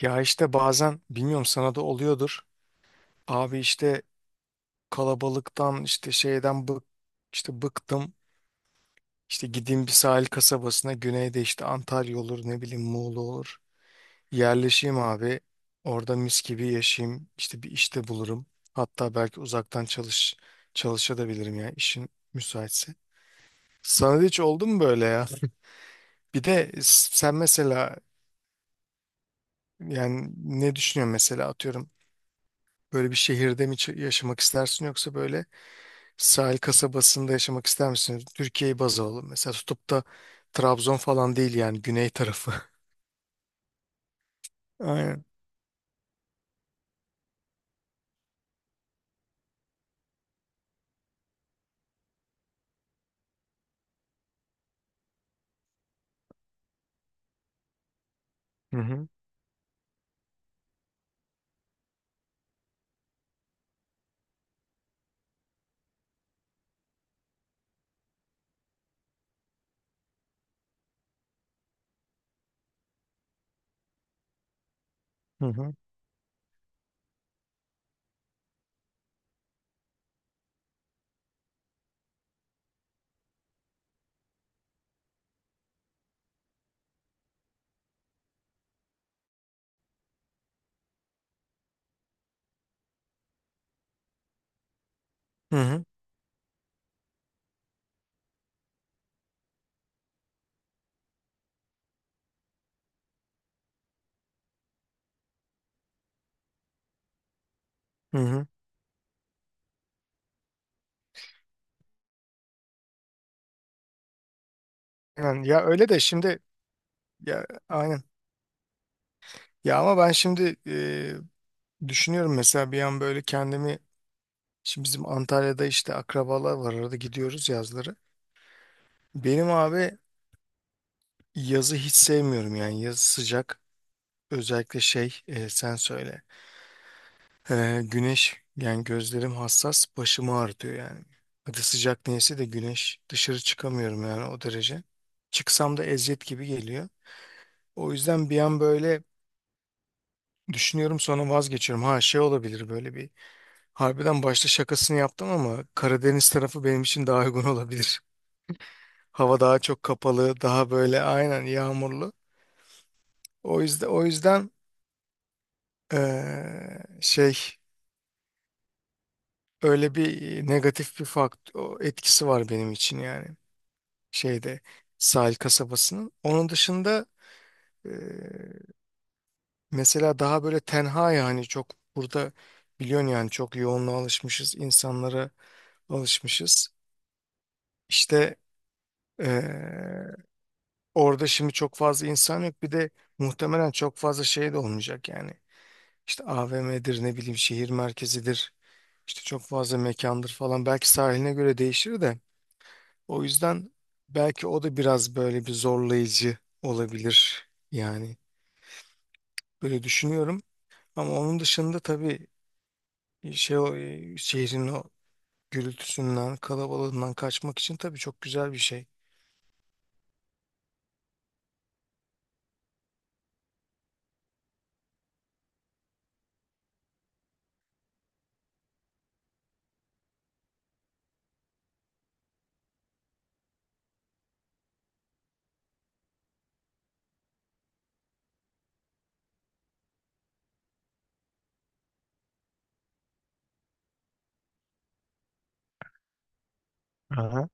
Ya bazen bilmiyorum sana da oluyordur. Abi kalabalıktan işte şeyden bık işte bıktım. İşte gideyim bir sahil kasabasına güneyde, işte Antalya olur, ne bileyim Muğla olur. Yerleşeyim abi. Orada mis gibi yaşayayım. İşte bir işte bulurum. Hatta belki uzaktan çalış çalışabilirim ya, işin müsaitse. Sana da hiç oldu mu böyle ya? Bir de sen mesela, yani ne düşünüyorsun mesela, atıyorum böyle bir şehirde mi yaşamak istersin yoksa böyle sahil kasabasında yaşamak ister misiniz? Türkiye'yi baz alalım. Mesela tutup da Trabzon falan değil yani, güney tarafı. Aynen. Hı hı. Hı hı. Hı hı. Hı hı. Yani ya öyle de şimdi, ya aynen. Ya ama ben şimdi, düşünüyorum mesela bir an böyle kendimi, şimdi bizim Antalya'da işte akrabalar var, arada gidiyoruz yazları. Benim abi yazı hiç sevmiyorum yani, yazı sıcak, özellikle şey, sen söyle. Güneş yani, gözlerim hassas, başımı ağrıtıyor yani. Hadi sıcak neyse de güneş, dışarı çıkamıyorum yani, o derece. Çıksam da eziyet gibi geliyor. O yüzden bir an böyle düşünüyorum, sonra vazgeçiyorum. Ha, şey olabilir böyle bir. Harbiden başta şakasını yaptım ama Karadeniz tarafı benim için daha uygun olabilir. Hava daha çok kapalı, daha böyle aynen yağmurlu. O yüzden şey, öyle bir negatif bir fakt o etkisi var benim için yani, şeyde, sahil kasabasının. Onun dışında, e, mesela daha böyle tenha yani, çok burada biliyorsun yani, çok yoğunluğa alışmışız, insanlara alışmışız. İşte e, orada şimdi çok fazla insan yok. Bir de muhtemelen çok fazla şey de olmayacak yani. İşte AVM'dir, ne bileyim şehir merkezidir, işte çok fazla mekandır falan. Belki sahiline göre değişir de. O yüzden belki o da biraz böyle bir zorlayıcı olabilir yani. Böyle düşünüyorum. Ama onun dışında tabii, şey, o, şehrin o gürültüsünden, kalabalığından kaçmak için tabii çok güzel bir şey. Aha.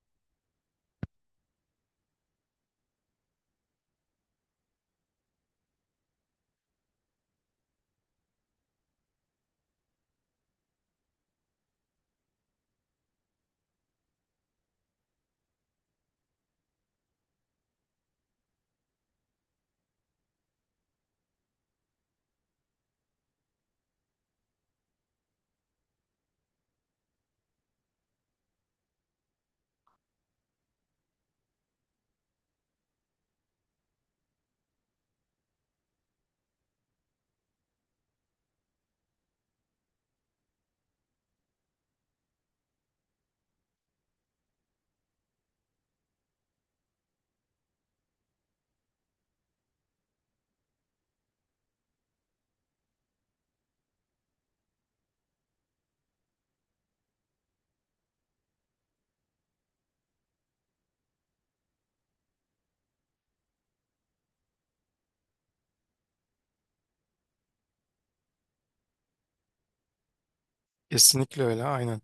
Kesinlikle öyle, aynen.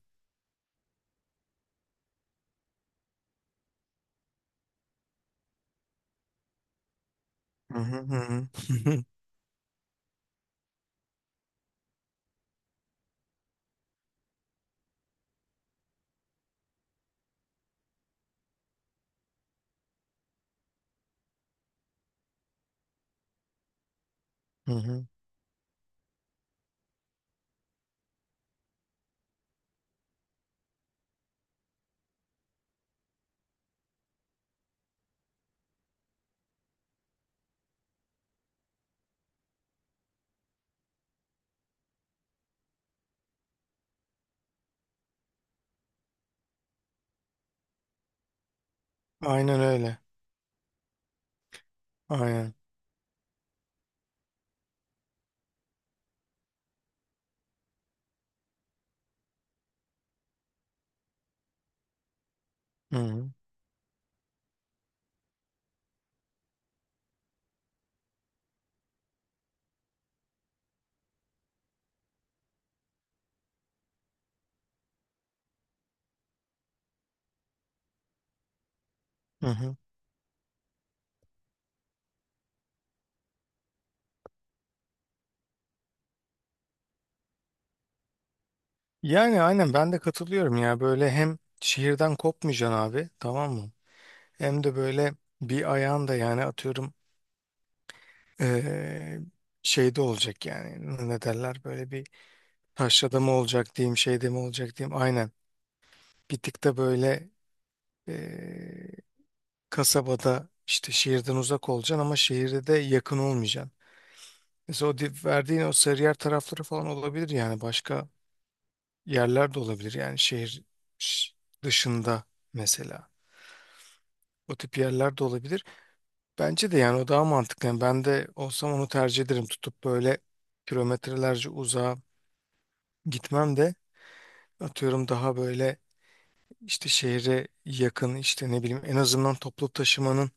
Hı hı. Hı hı. Aynen öyle. Aynen. Hı hı. Hı hı. Yani aynen ben de katılıyorum ya. Böyle hem şehirden kopmayacaksın abi, tamam mı? Hem de böyle bir ayağın da, yani atıyorum, eee, şeyde olacak yani. Ne derler böyle bir, taşrada mı olacak diyeyim, şeyde mi olacak diyeyim. Aynen. Bir tık da böyle, Eee, kasabada, işte şehirden uzak olacaksın ama şehirde de yakın olmayacaksın. Mesela o verdiğin o Sarıyer tarafları falan olabilir, yani başka yerler de olabilir, yani şehir ş- dışında mesela. O tip yerler de olabilir. Bence de yani o daha mantıklı. Yani ben de olsam onu tercih ederim. Tutup böyle kilometrelerce uzağa gitmem de, atıyorum daha böyle işte şehre yakın, işte ne bileyim, en azından toplu taşımanın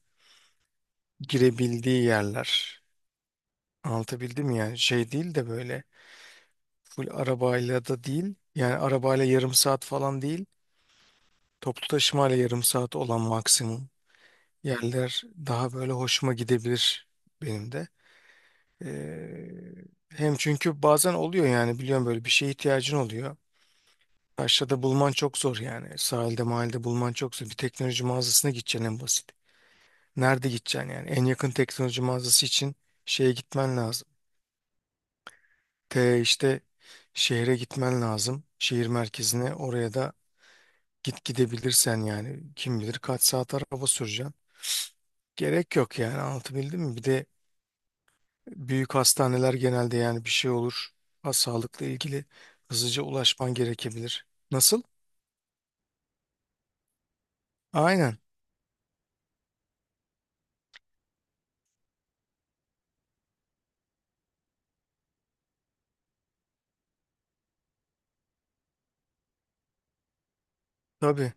girebildiği yerler. Anlatabildim ya. Şey değil de böyle full arabayla da değil. Yani arabayla yarım saat falan değil. Toplu taşımayla yarım saat olan maksimum yerler daha böyle hoşuma gidebilir benim de. Hem çünkü bazen oluyor yani, biliyorum, böyle bir şeye ihtiyacın oluyor. Taşrada bulman çok zor yani. Sahilde, mahallede bulman çok zor. Bir teknoloji mağazasına gideceksin, en basit. Nerede gideceksin yani? En yakın teknoloji mağazası için şeye gitmen lazım. T işte Şehre gitmen lazım. Şehir merkezine, oraya da gidebilirsen yani, kim bilir kaç saat araba süreceksin. Gerek yok yani, anlatabildim mi? Bir de büyük hastaneler genelde, yani bir şey olur. Ha, sağlıkla ilgili hızlıca ulaşman gerekebilir. Nasıl? Aynen. Tabii.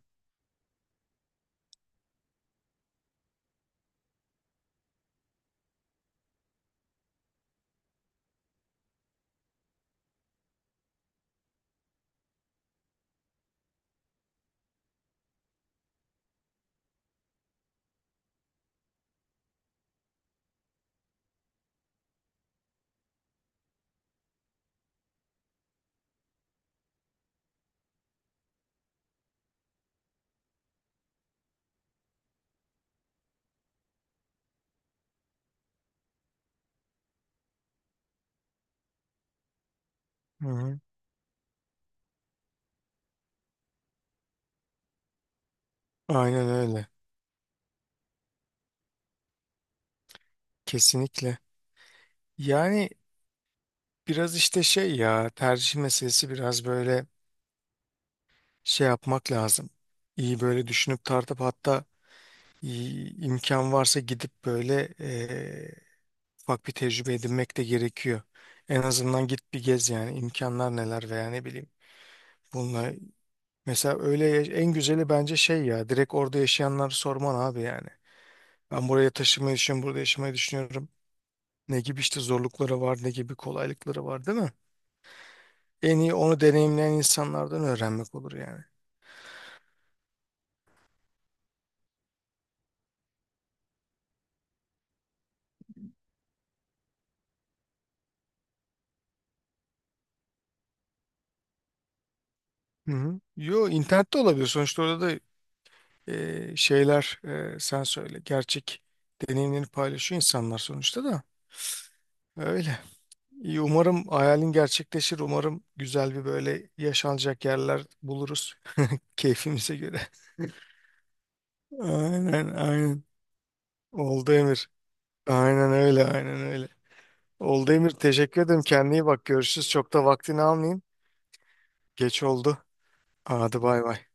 Hı hı. Aynen öyle. Kesinlikle. Yani biraz işte şey ya, tercih meselesi, biraz böyle şey yapmak lazım. İyi böyle düşünüp tartıp, hatta imkan varsa gidip böyle, ufak bir tecrübe edinmek de gerekiyor. En azından git bir gez yani, imkanlar neler veya, ne bileyim. Bununla mesela öyle en güzeli bence şey ya, direkt orada yaşayanları sorman abi yani. Ben buraya taşımayı düşünüyorum, burada yaşamayı düşünüyorum. Ne gibi işte zorlukları var, ne gibi kolaylıkları var, değil mi? En iyi onu deneyimleyen insanlardan öğrenmek olur yani. Hı hı. Yo, internette olabilir sonuçta, orada da şeyler, sen söyle. Gerçek deneyimlerini paylaşıyor insanlar sonuçta da. Öyle. İyi, umarım hayalin gerçekleşir. Umarım güzel bir böyle yaşanacak yerler buluruz keyfimize göre. Aynen, aynen. Oldu Emir. Aynen öyle, aynen öyle. Oldu Emir. Teşekkür ederim. Kendine iyi bak. Görüşürüz. Çok da vaktini almayayım. Geç oldu. Hadi bay bay.